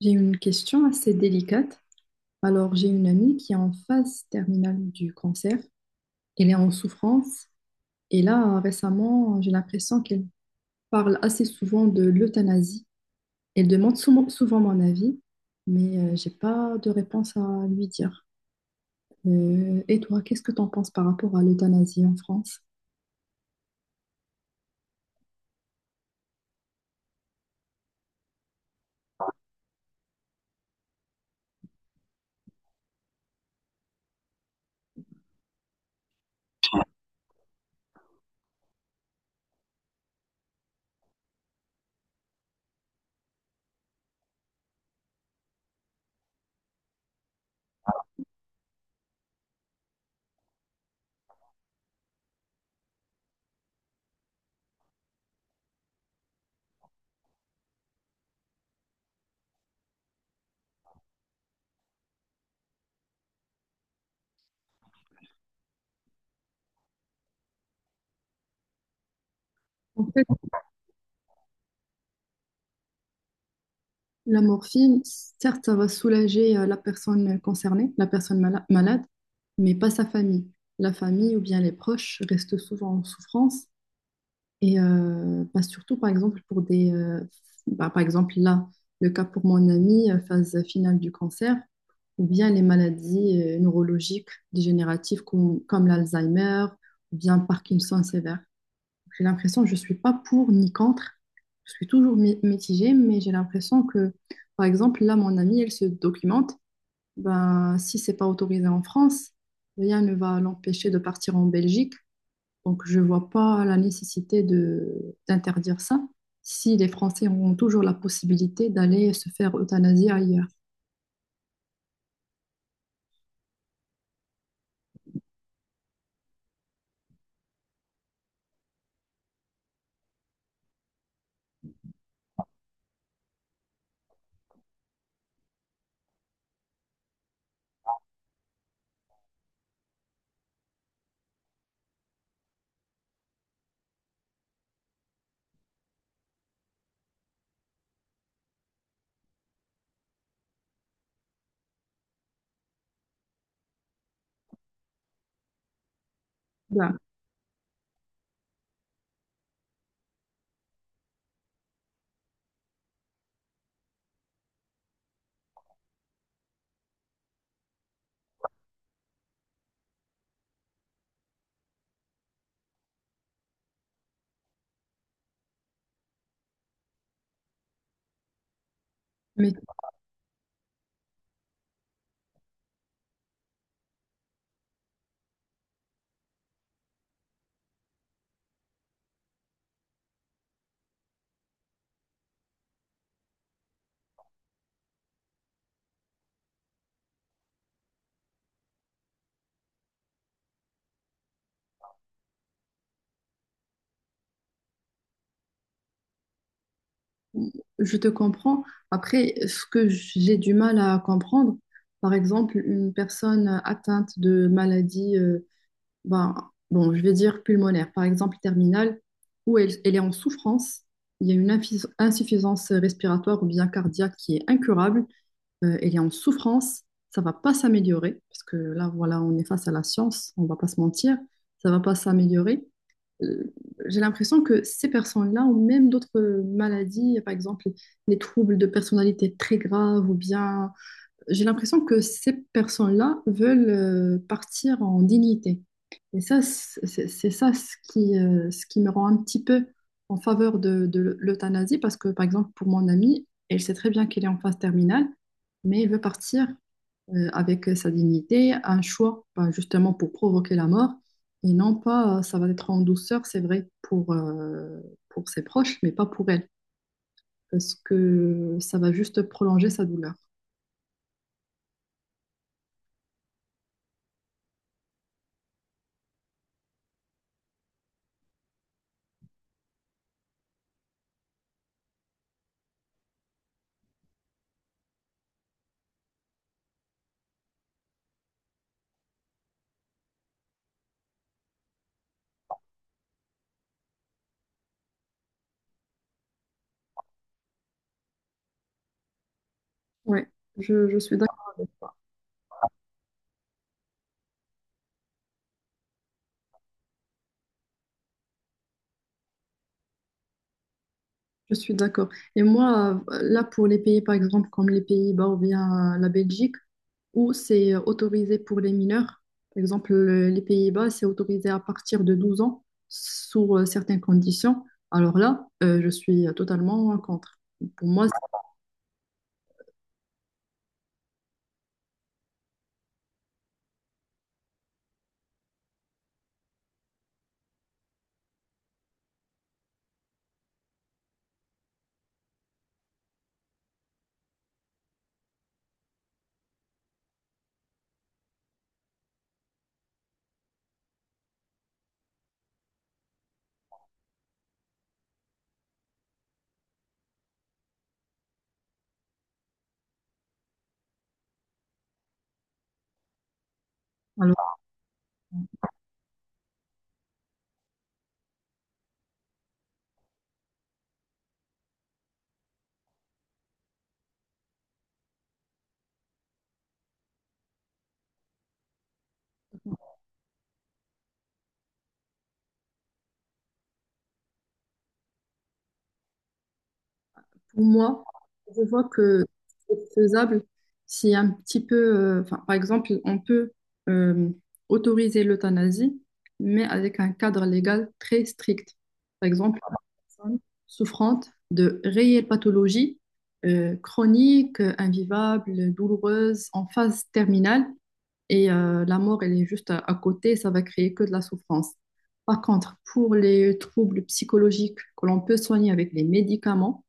J'ai une question assez délicate. Alors, j'ai une amie qui est en phase terminale du cancer. Elle est en souffrance. Et là, récemment, j'ai l'impression qu'elle parle assez souvent de l'euthanasie. Elle demande souvent, souvent mon avis, mais j'ai pas de réponse à lui dire. Et toi, qu'est-ce que tu en penses par rapport à l'euthanasie en France? La morphine, certes, ça va soulager la personne concernée, la personne malade, mais pas sa famille. La famille ou bien les proches restent souvent en souffrance et bah, surtout, par exemple, par exemple, là, le cas pour mon ami, phase finale du cancer, ou bien les maladies neurologiques dégénératives comme l'Alzheimer, ou bien Parkinson sévère. J'ai l'impression que je ne suis pas pour ni contre. Je suis toujours mitigée, mais j'ai l'impression que, par exemple, là, mon amie, elle se documente. Ben, si c'est pas autorisé en France, rien ne va l'empêcher de partir en Belgique. Donc, je ne vois pas la nécessité de d'interdire ça si les Français auront toujours la possibilité d'aller se faire euthanasier ailleurs. Ben, mais je te comprends. Après, ce que j'ai du mal à comprendre, par exemple, une personne atteinte de maladies, ben, bon, je vais dire pulmonaire, par exemple terminale, où elle est en souffrance, il y a une insuffisance respiratoire ou bien cardiaque qui est incurable, elle est en souffrance, ça va pas s'améliorer, parce que là, voilà, on est face à la science, on va pas se mentir, ça va pas s'améliorer. Euh, j'ai l'impression que ces personnes-là ont même d'autres maladies, par exemple les troubles de personnalité très graves ou bien j'ai l'impression que ces personnes-là veulent partir en dignité. Et ça, c'est ça ce qui me rend un petit peu en faveur de l'euthanasie, parce que, par exemple, pour mon amie, elle sait très bien qu'elle est en phase terminale, mais elle veut partir avec sa dignité, un choix, ben, justement, pour provoquer la mort, et non pas, ça va être en douceur, c'est vrai, pour ses proches, mais pas pour elle, parce que ça va juste prolonger sa douleur. Ouais, je suis. Je suis d'accord. Et moi, là, pour les pays, par exemple, comme les Pays-Bas ou bien la Belgique, où c'est autorisé pour les mineurs, par exemple, les Pays-Bas, c'est autorisé à partir de 12 ans, sous certaines conditions. Alors là, je suis totalement contre. Pour moi, pour moi, je vois que c'est faisable si un petit peu, enfin, par exemple, on peut euh, autoriser l'euthanasie, mais avec un cadre légal très strict. Par exemple, une personne souffrante de réelles pathologies chroniques, invivables, douloureuses, en phase terminale, et la mort, elle est juste à côté, ça va créer que de la souffrance. Par contre, pour les troubles psychologiques que l'on peut soigner avec les médicaments,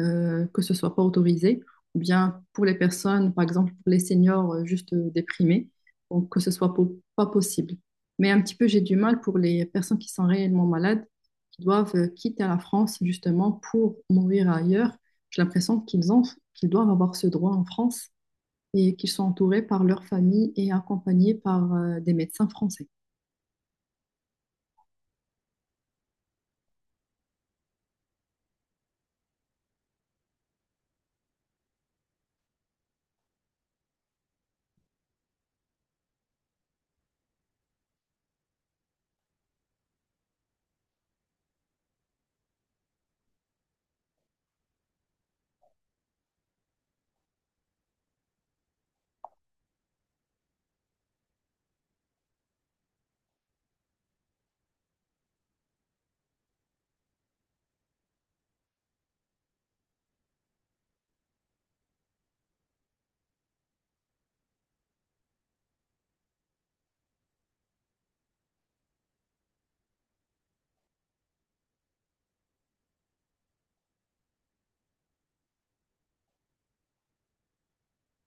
que ce soit pas autorisé, ou bien pour les personnes, par exemple pour les seniors juste déprimés, donc que ce soit pas possible. Mais un petit peu, j'ai du mal pour les personnes qui sont réellement malades, qui doivent quitter la France justement pour mourir ailleurs. J'ai l'impression qu'ils doivent avoir ce droit en France et qu'ils sont entourés par leur famille et accompagnés par des médecins français.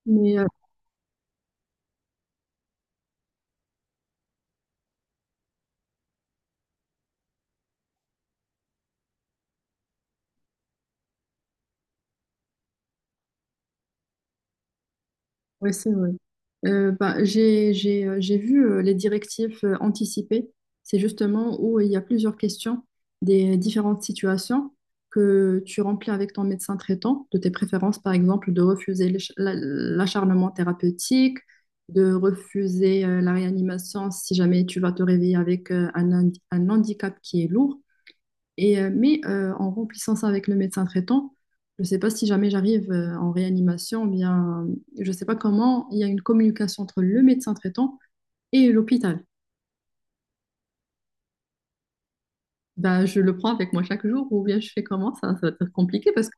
Mais oui, c'est vrai. J'ai vu les directives anticipées. C'est justement où il y a plusieurs questions des différentes situations que tu remplis avec ton médecin traitant, de tes préférences, par exemple, de refuser l'acharnement thérapeutique, de refuser la réanimation si jamais tu vas te réveiller avec un handicap qui est lourd. En remplissant ça avec le médecin traitant, je ne sais pas si jamais j'arrive en réanimation, ou bien, je ne sais pas comment, il y a une communication entre le médecin traitant et l'hôpital. Bah, je le prends avec moi chaque jour, ou bien je fais comment? Ça va être compliqué parce que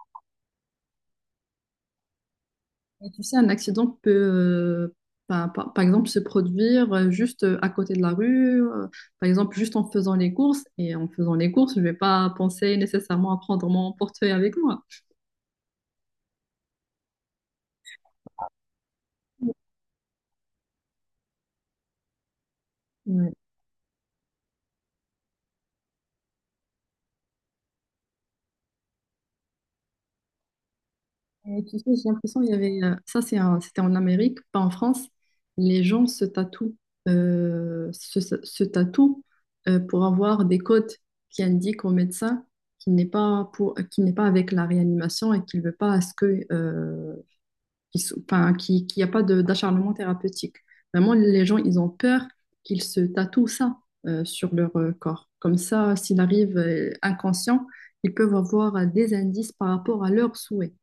tu sais, un accident peut, par exemple, se produire juste à côté de la rue, par exemple, juste en faisant les courses. Et en faisant les courses, je ne vais pas penser nécessairement à prendre mon portefeuille avec moi. Ouais. Et tu sais, j'ai l'impression qu'il y avait... ça, c'est c'était en Amérique, pas en France. Les gens se tatouent, se tatouent pour avoir des codes qui indiquent au médecin qu'il n'est pas, pour, qu'il n'est pas avec la réanimation et qu'il ne veut pas à ce que, enfin, qu'il n'y a pas d'acharnement thérapeutique. Vraiment, les gens, ils ont peur qu'ils se tatouent ça sur leur corps. Comme ça, s'il arrive inconscient, ils peuvent avoir des indices par rapport à leurs souhaits.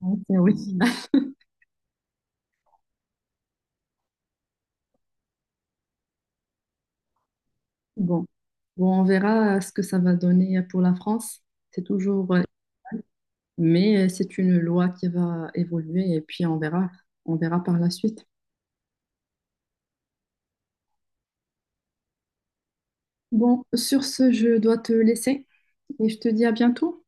Oui. Bon. Bon, on verra ce que ça va donner pour la France. C'est toujours, euh, mais c'est une loi qui va évoluer et puis on verra par la suite. Bon, sur ce, je dois te laisser et je te dis à bientôt.